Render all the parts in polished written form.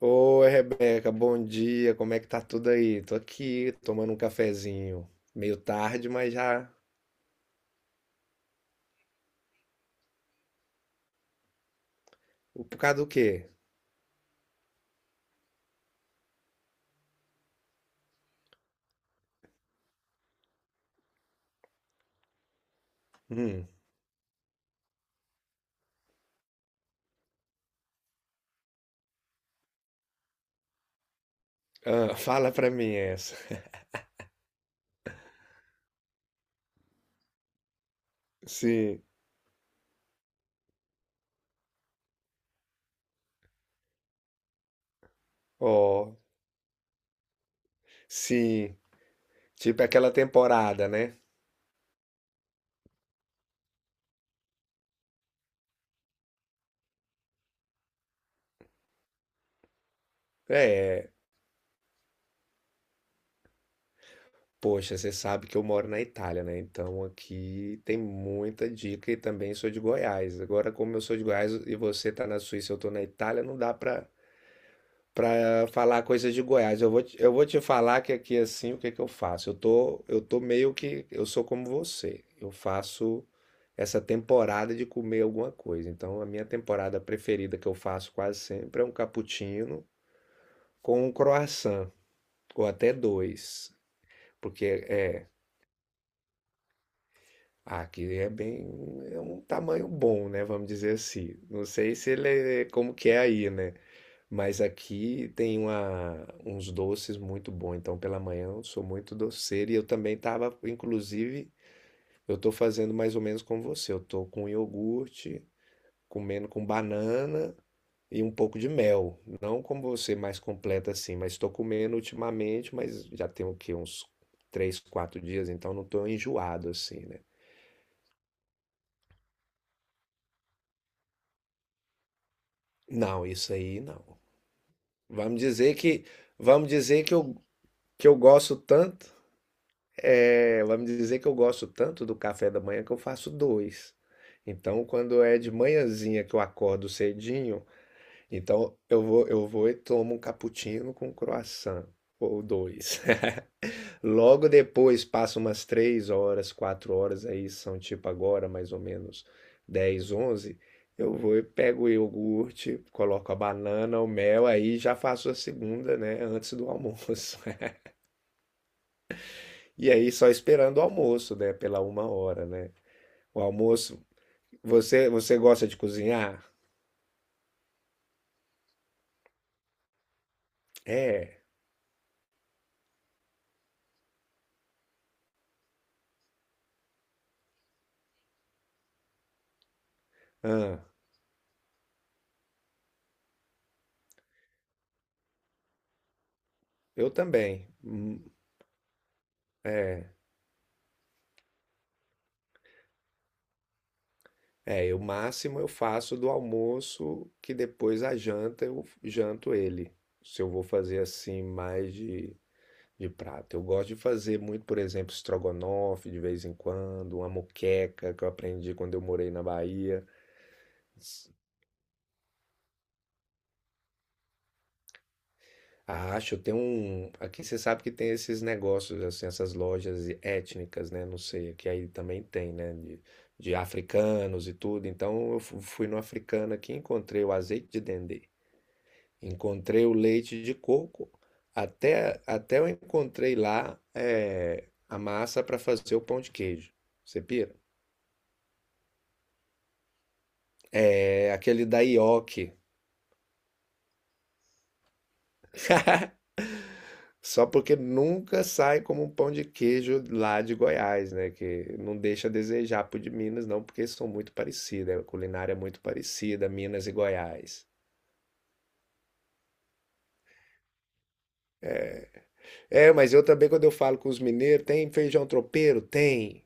Oi, Rebeca, bom dia. Como é que tá tudo aí? Tô aqui tomando um cafezinho. Meio tarde, mas já. Por causa do quê? Hum. Ah, fala pra mim essa. Sim, ó, sim. Tipo é aquela temporada, né? É, poxa, você sabe que eu moro na Itália, né? Então aqui tem muita dica e também sou de Goiás. Agora, como eu sou de Goiás e você tá na Suíça, e eu tô na Itália, não dá pra para falar coisas de Goiás. Eu vou te falar que aqui assim, o que que eu faço? Eu tô meio que, eu sou como você. Eu faço essa temporada de comer alguma coisa. Então, a minha temporada preferida que eu faço quase sempre é um cappuccino com um croissant, ou até dois, porque é. Aqui é bem, é um tamanho bom, né? Vamos dizer assim. Não sei se ele é como que é aí, né? Mas aqui tem uma, uns doces muito bons. Então, pela manhã eu sou muito doceiro. E eu também estava, inclusive, eu estou fazendo mais ou menos como você. Eu estou com iogurte, comendo com banana e um pouco de mel. Não como você, mais completa assim. Mas estou comendo ultimamente, mas já tem o quê? Uns três, quatro dias. Então, não estou enjoado assim, né? Não, isso aí não. Vamos dizer que, vamos dizer que que eu gosto tanto. É, ela me dizer que eu gosto tanto do café da manhã que eu faço dois. Então, quando é de manhãzinha que eu acordo cedinho, então eu vou e tomo um cappuccino com croissant, ou dois. Logo depois, passa umas três horas, quatro horas, aí são tipo agora, mais ou menos 10, 11. Eu vou e pego o iogurte, coloco a banana, o mel, aí já faço a segunda, né, antes do almoço. E aí só esperando o almoço, né, pela uma hora, né? O almoço. Você gosta de cozinhar? É. Ah, eu também. Hum. É. É, eu máximo eu faço do almoço que depois a janta eu janto ele. Se eu vou fazer assim mais de prato. Eu gosto de fazer muito, por exemplo, estrogonofe de vez em quando, uma moqueca que eu aprendi quando eu morei na Bahia. Acho, tem um. Aqui você sabe que tem esses negócios, assim, essas lojas étnicas, né? Não sei, que aí também tem, né? De africanos e tudo. Então eu fui no africano aqui, encontrei o azeite de dendê, encontrei o leite de coco, até eu encontrei lá é, a massa para fazer o pão de queijo. Você pira? É, aquele da ioki. Só porque nunca sai como um pão de queijo lá de Goiás, né? Que não deixa a desejar pro de Minas, não, porque são muito parecidos, né, a culinária é muito parecida, Minas e Goiás. É, mas eu também, quando eu falo com os mineiros, tem feijão tropeiro? Tem.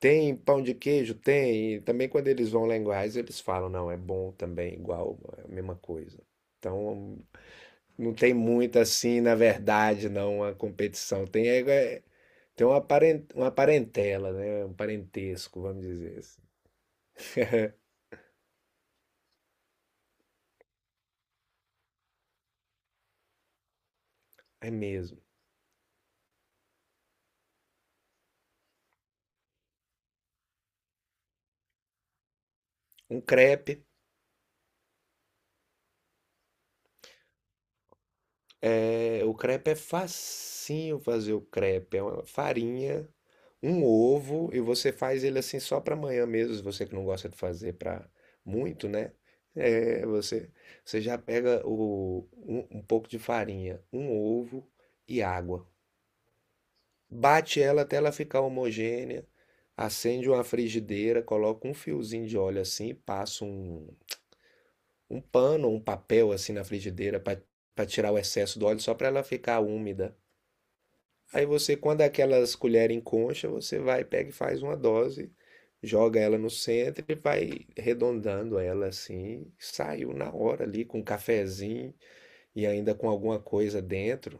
Tem pão de queijo? Tem. E também quando eles vão lá em Goiás, eles falam, não, é bom também, igual, é a mesma coisa. Então, não tem muito assim, na verdade, não, a competição. Tem é, tem uma uma parentela, né? Um parentesco, vamos dizer assim. É mesmo. Um crepe. É... O crepe é facinho fazer o crepe. É uma farinha, um ovo, e você faz ele assim só para amanhã mesmo, se você que não gosta de fazer para muito, né? É, você já pega um pouco de farinha, um ovo e água. Bate ela até ela ficar homogênea. Acende uma frigideira, coloca um fiozinho de óleo assim, passa um pano, um papel assim na frigideira para tirar o excesso do óleo só para ela ficar úmida. Aí você, quando aquelas colheres em concha, você vai, pega e faz uma dose, joga ela no centro e vai arredondando ela assim. Saiu na hora ali com um cafezinho e ainda com alguma coisa dentro.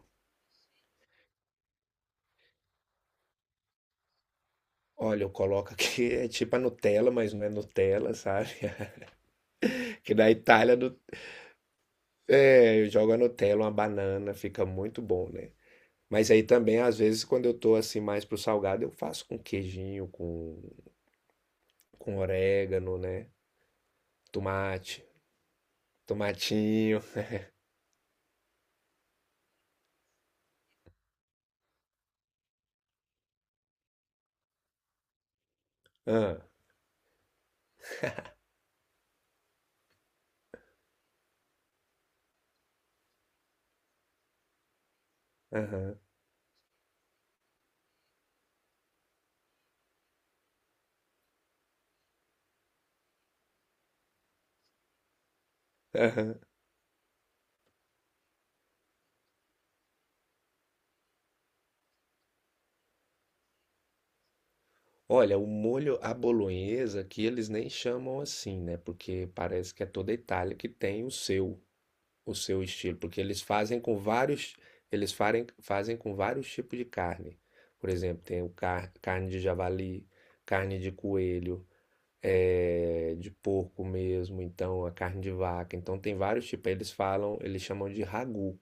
Olha, eu coloco aqui, é tipo a Nutella, mas não é Nutella, sabe? Que da Itália, é, eu jogo a Nutella, uma banana, fica muito bom, né? Mas aí também, às vezes, quando eu tô assim mais pro salgado, eu faço com queijinho, com orégano, né? Tomate, tomatinho. Ah, aham, aham. Olha, o molho à bolonhesa que eles nem chamam assim, né? Porque parece que é toda a Itália que tem o seu estilo, porque eles fazem com vários, fazem com vários tipos de carne. Por exemplo, tem o carne de javali, carne de coelho, é, de porco mesmo, então a carne de vaca. Então tem vários tipos. Aí eles falam, eles chamam de ragu.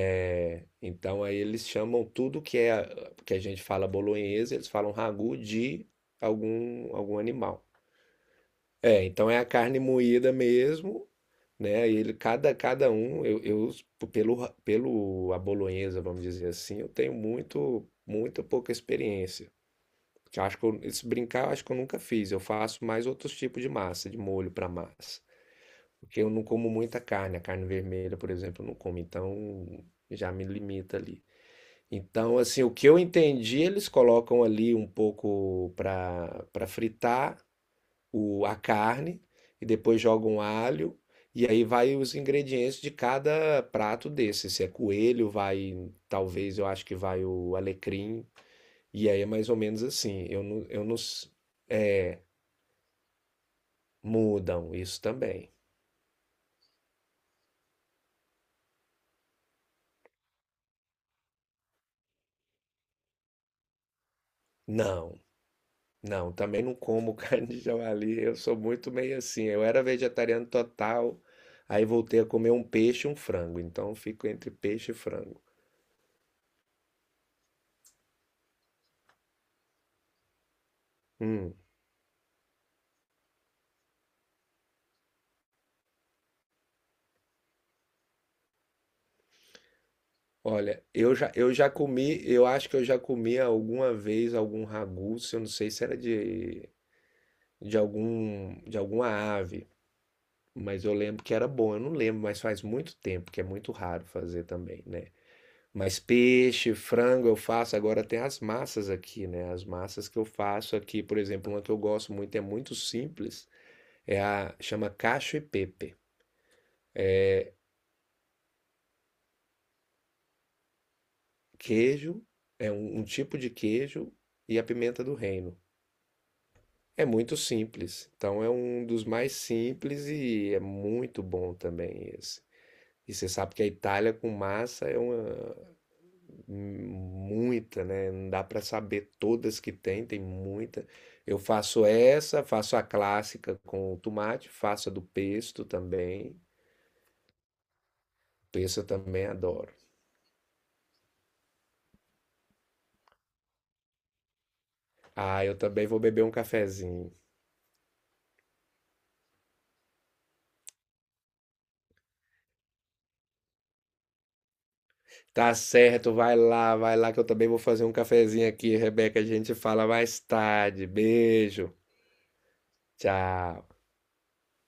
É, então aí eles chamam tudo que é que a gente fala bolonhesa, eles falam ragu de algum animal. É, então é a carne moída mesmo, né? E ele cada um eu pelo a bolonhesa, vamos dizer assim, eu tenho muito pouca experiência. Eu acho que eu, se brincar, eu acho que eu nunca fiz. Eu faço mais outros tipos de massa, de molho para massa. Porque eu não como muita carne, a carne vermelha, por exemplo, eu não como, então já me limita ali. Então, assim, o que eu entendi, eles colocam ali um pouco para fritar a carne e depois jogam alho e aí vai os ingredientes de cada prato desse. Se é coelho, vai, talvez eu acho que vai o alecrim. E aí é mais ou menos assim. Eu não, Mudam, isso também. Não, não, também não como carne de javali. Eu sou muito meio assim. Eu era vegetariano total, aí voltei a comer um peixe e um frango. Então fico entre peixe e frango. Hum, olha, eu já comi, eu acho que eu já comi alguma vez algum ragu, se eu não sei se era de algum, de alguma ave. Mas eu lembro que era bom, eu não lembro, mas faz muito tempo, que é muito raro fazer também, né? Mas peixe, frango eu faço. Agora tem as massas aqui, né? As massas que eu faço aqui, por exemplo, uma que eu gosto muito, é muito simples, é a chama cacho e pepe. Queijo é um tipo de queijo e a pimenta do reino. É muito simples. Então é um dos mais simples e é muito bom também esse. E você sabe que a Itália com massa é uma. Muita, né? Não dá para saber todas que tem, tem muita. Eu faço essa, faço a clássica com o tomate, faço a do pesto também. Pesto eu também adoro. Ah, eu também vou beber um cafezinho. Tá certo, vai lá que eu também vou fazer um cafezinho aqui, Rebeca. A gente fala mais tarde. Beijo, tchau.